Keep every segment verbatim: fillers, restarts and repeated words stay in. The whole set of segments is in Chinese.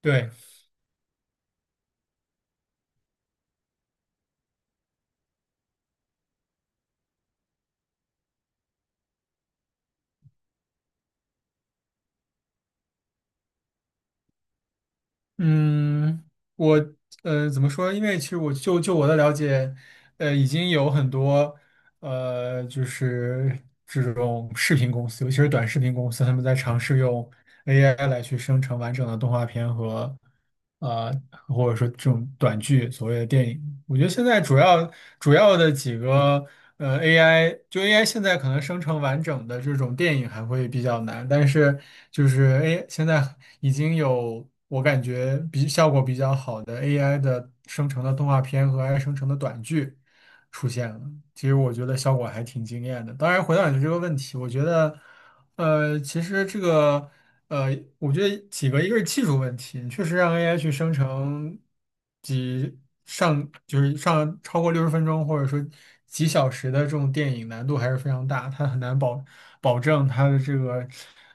对，嗯，我呃怎么说？因为其实我就就我的了解，呃，已经有很多呃，就是种视频公司，尤其是短视频公司，他们在尝试用 A I 来去生成完整的动画片和呃，或者说这种短剧，所谓的电影。我觉得现在主要主要的几个呃 A I，就 A I 现在可能生成完整的这种电影还会比较难，但是就是 A 现在已经有我感觉比效果比较好的 A I 的生成的动画片和 A I 生成的短剧。出现了。其实我觉得效果还挺惊艳的。当然，回到你的这个问题，我觉得，呃，其实这个，呃，我觉得几个，一个是技术问题，确实让 A I 去生成几上就是上超过六十分钟，或者说几小时的这种电影，难度还是非常大，它很难保保证它的这个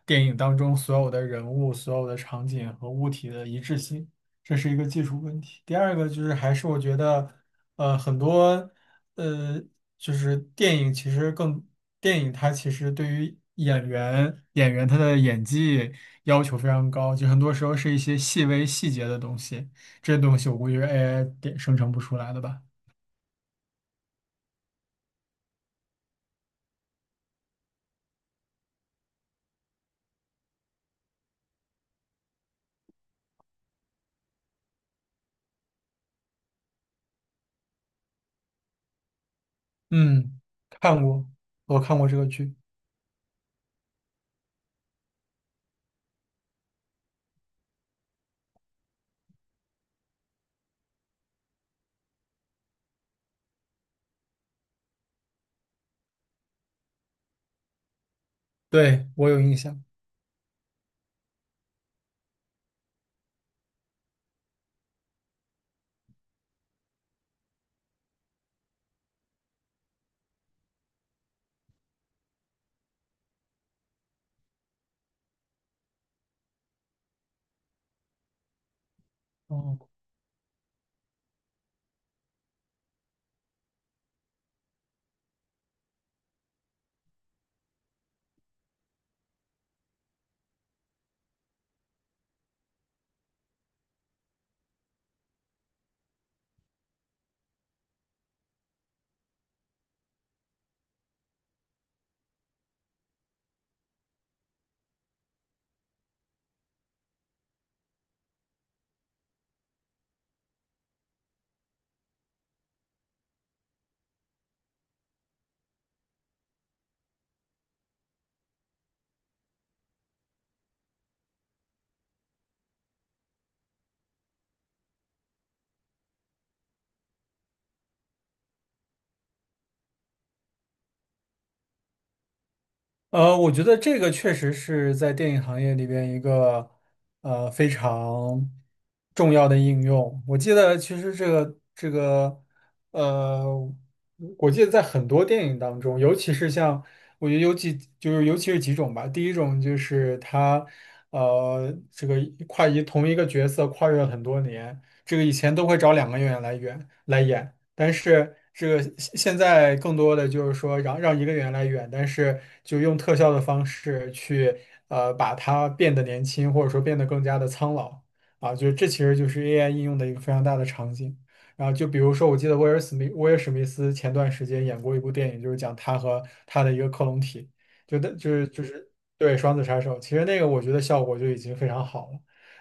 电影当中所有的人物、所有的场景和物体的一致性。这是一个技术问题。第二个就是还是我觉得，呃，很多。呃，就是电影其实更，电影它其实对于演员演员他的演技要求非常高，就很多时候是一些细微细节的东西，这些东西我估计是 A I 点生成不出来的吧。嗯，看过，我看过这个剧，对，我有印象。哦呃，我觉得这个确实是在电影行业里边一个呃非常重要的应用。我记得其实这个这个呃，我记得在很多电影当中，尤其是像我觉得尤其就是尤其是几种吧。第一种就是他呃这个跨一同一个角色跨越了很多年，这个以前都会找两个演员来演来演。但是这个现现在更多的就是说让让一个人来远，但是就用特效的方式去呃把它变得年轻，或者说变得更加的苍老啊，就这其实就是 A I 应用的一个非常大的场景。然后就比如说，我记得威尔史密威尔史密斯前段时间演过一部电影，就是讲他和他的一个克隆体，就的就是就是对双子杀手，其实那个我觉得效果就已经非常好了。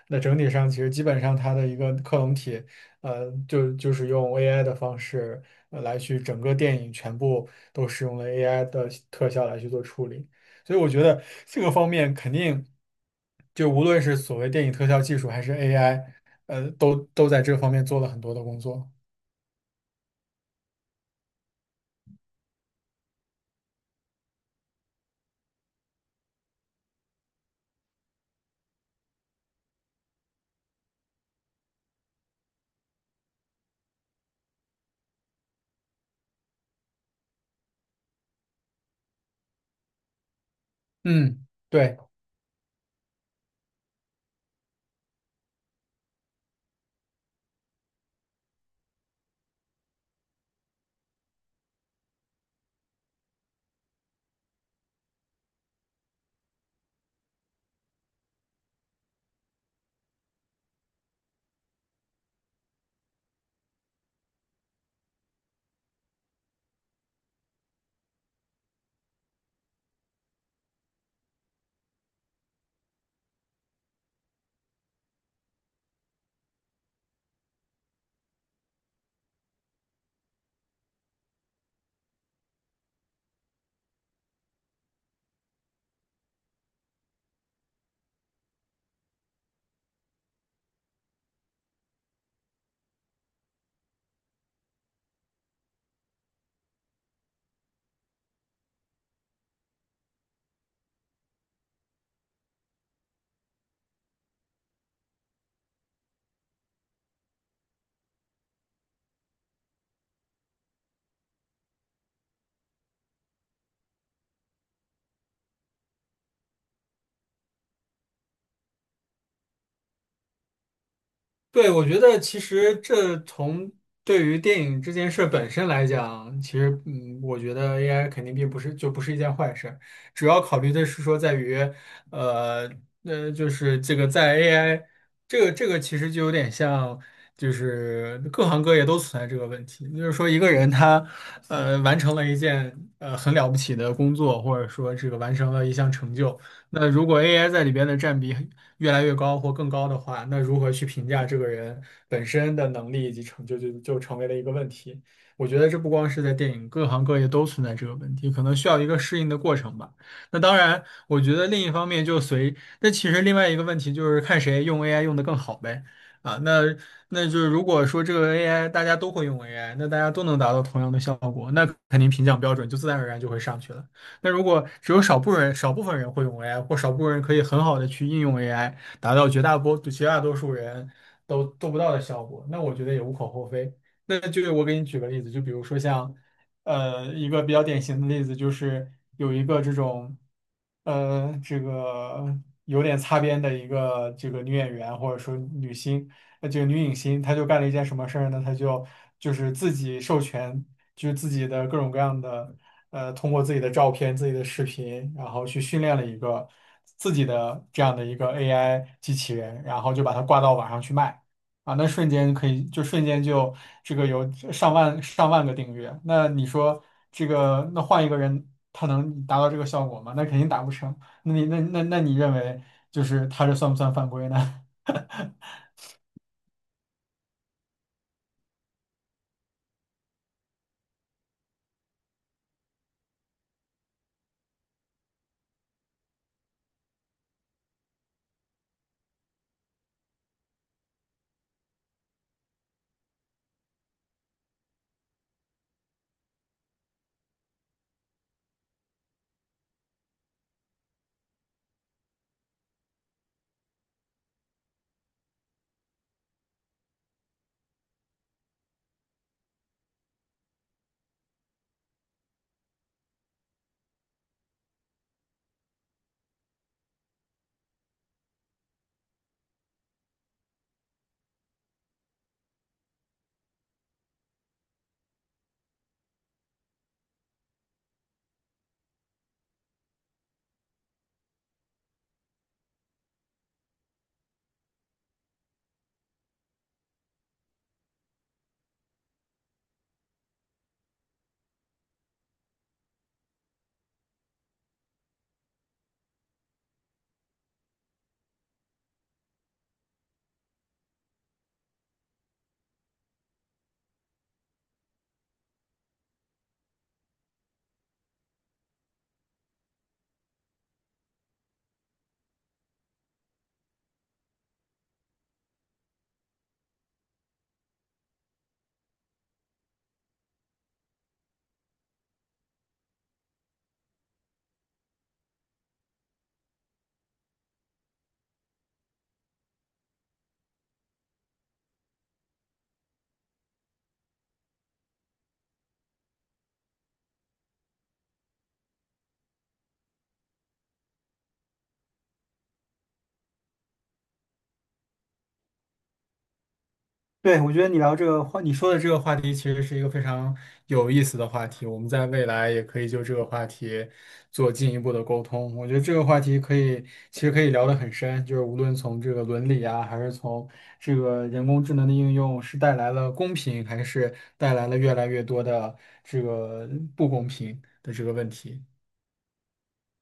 那整体上其实基本上他的一个克隆体。呃，就就是用 A I 的方式呃来去整个电影全部都使用了 A I 的特效来去做处理，所以我觉得这个方面肯定就无论是所谓电影特效技术还是 A I，呃，都都在这个方面做了很多的工作。嗯，对。对，我觉得其实这从对于电影这件事本身来讲，其实嗯，我觉得 A I 肯定并不是就不是一件坏事，主要考虑的是说在于，呃那就是这个在 A I 这个这个其实就有点像，就是各行各业都存在这个问题，就是说一个人他呃完成了一件呃很了不起的工作，或者说这个完成了一项成就，那如果 A I 在里边的占比。越来越高或更高的话，那如何去评价这个人本身的能力以及成就，就就成为了一个问题。我觉得这不光是在电影，各行各业都存在这个问题，可能需要一个适应的过程吧。那当然，我觉得另一方面就随，那其实另外一个问题就是看谁用 A I 用的更好呗。啊，那那就是如果说这个 A I 大家都会用 A I，那大家都能达到同样的效果，那肯定评奖标准就自然而然就会上去了。那如果只有少部分人少部分人会用 A I，或少部分人可以很好的去应用 A I，达到绝大多绝大多数人都做不到的效果，那我觉得也无可厚非。那就我给你举个例子，就比如说像。呃，一个比较典型的例子就是有一个这种，呃，这个有点擦边的一个这个女演员或者说女星，呃，这个女影星，她就干了一件什么事儿呢？她就就是自己授权，就是自己的各种各样的，呃，通过自己的照片、自己的视频，然后去训练了一个自己的这样的一个 A I 机器人，然后就把它挂到网上去卖。啊，那瞬间可以就瞬间就这个有上万上万个订阅，那你说这个那换一个人他能达到这个效果吗？那肯定达不成。那你那那那你认为就是他这算不算犯规呢？对，我觉得你聊这个话，你说的这个话题其实是一个非常有意思的话题。我们在未来也可以就这个话题做进一步的沟通。我觉得这个话题可以，其实可以聊得很深，就是无论从这个伦理啊，还是从这个人工智能的应用是带来了公平，还是带来了越来越多的这个不公平的这个问题。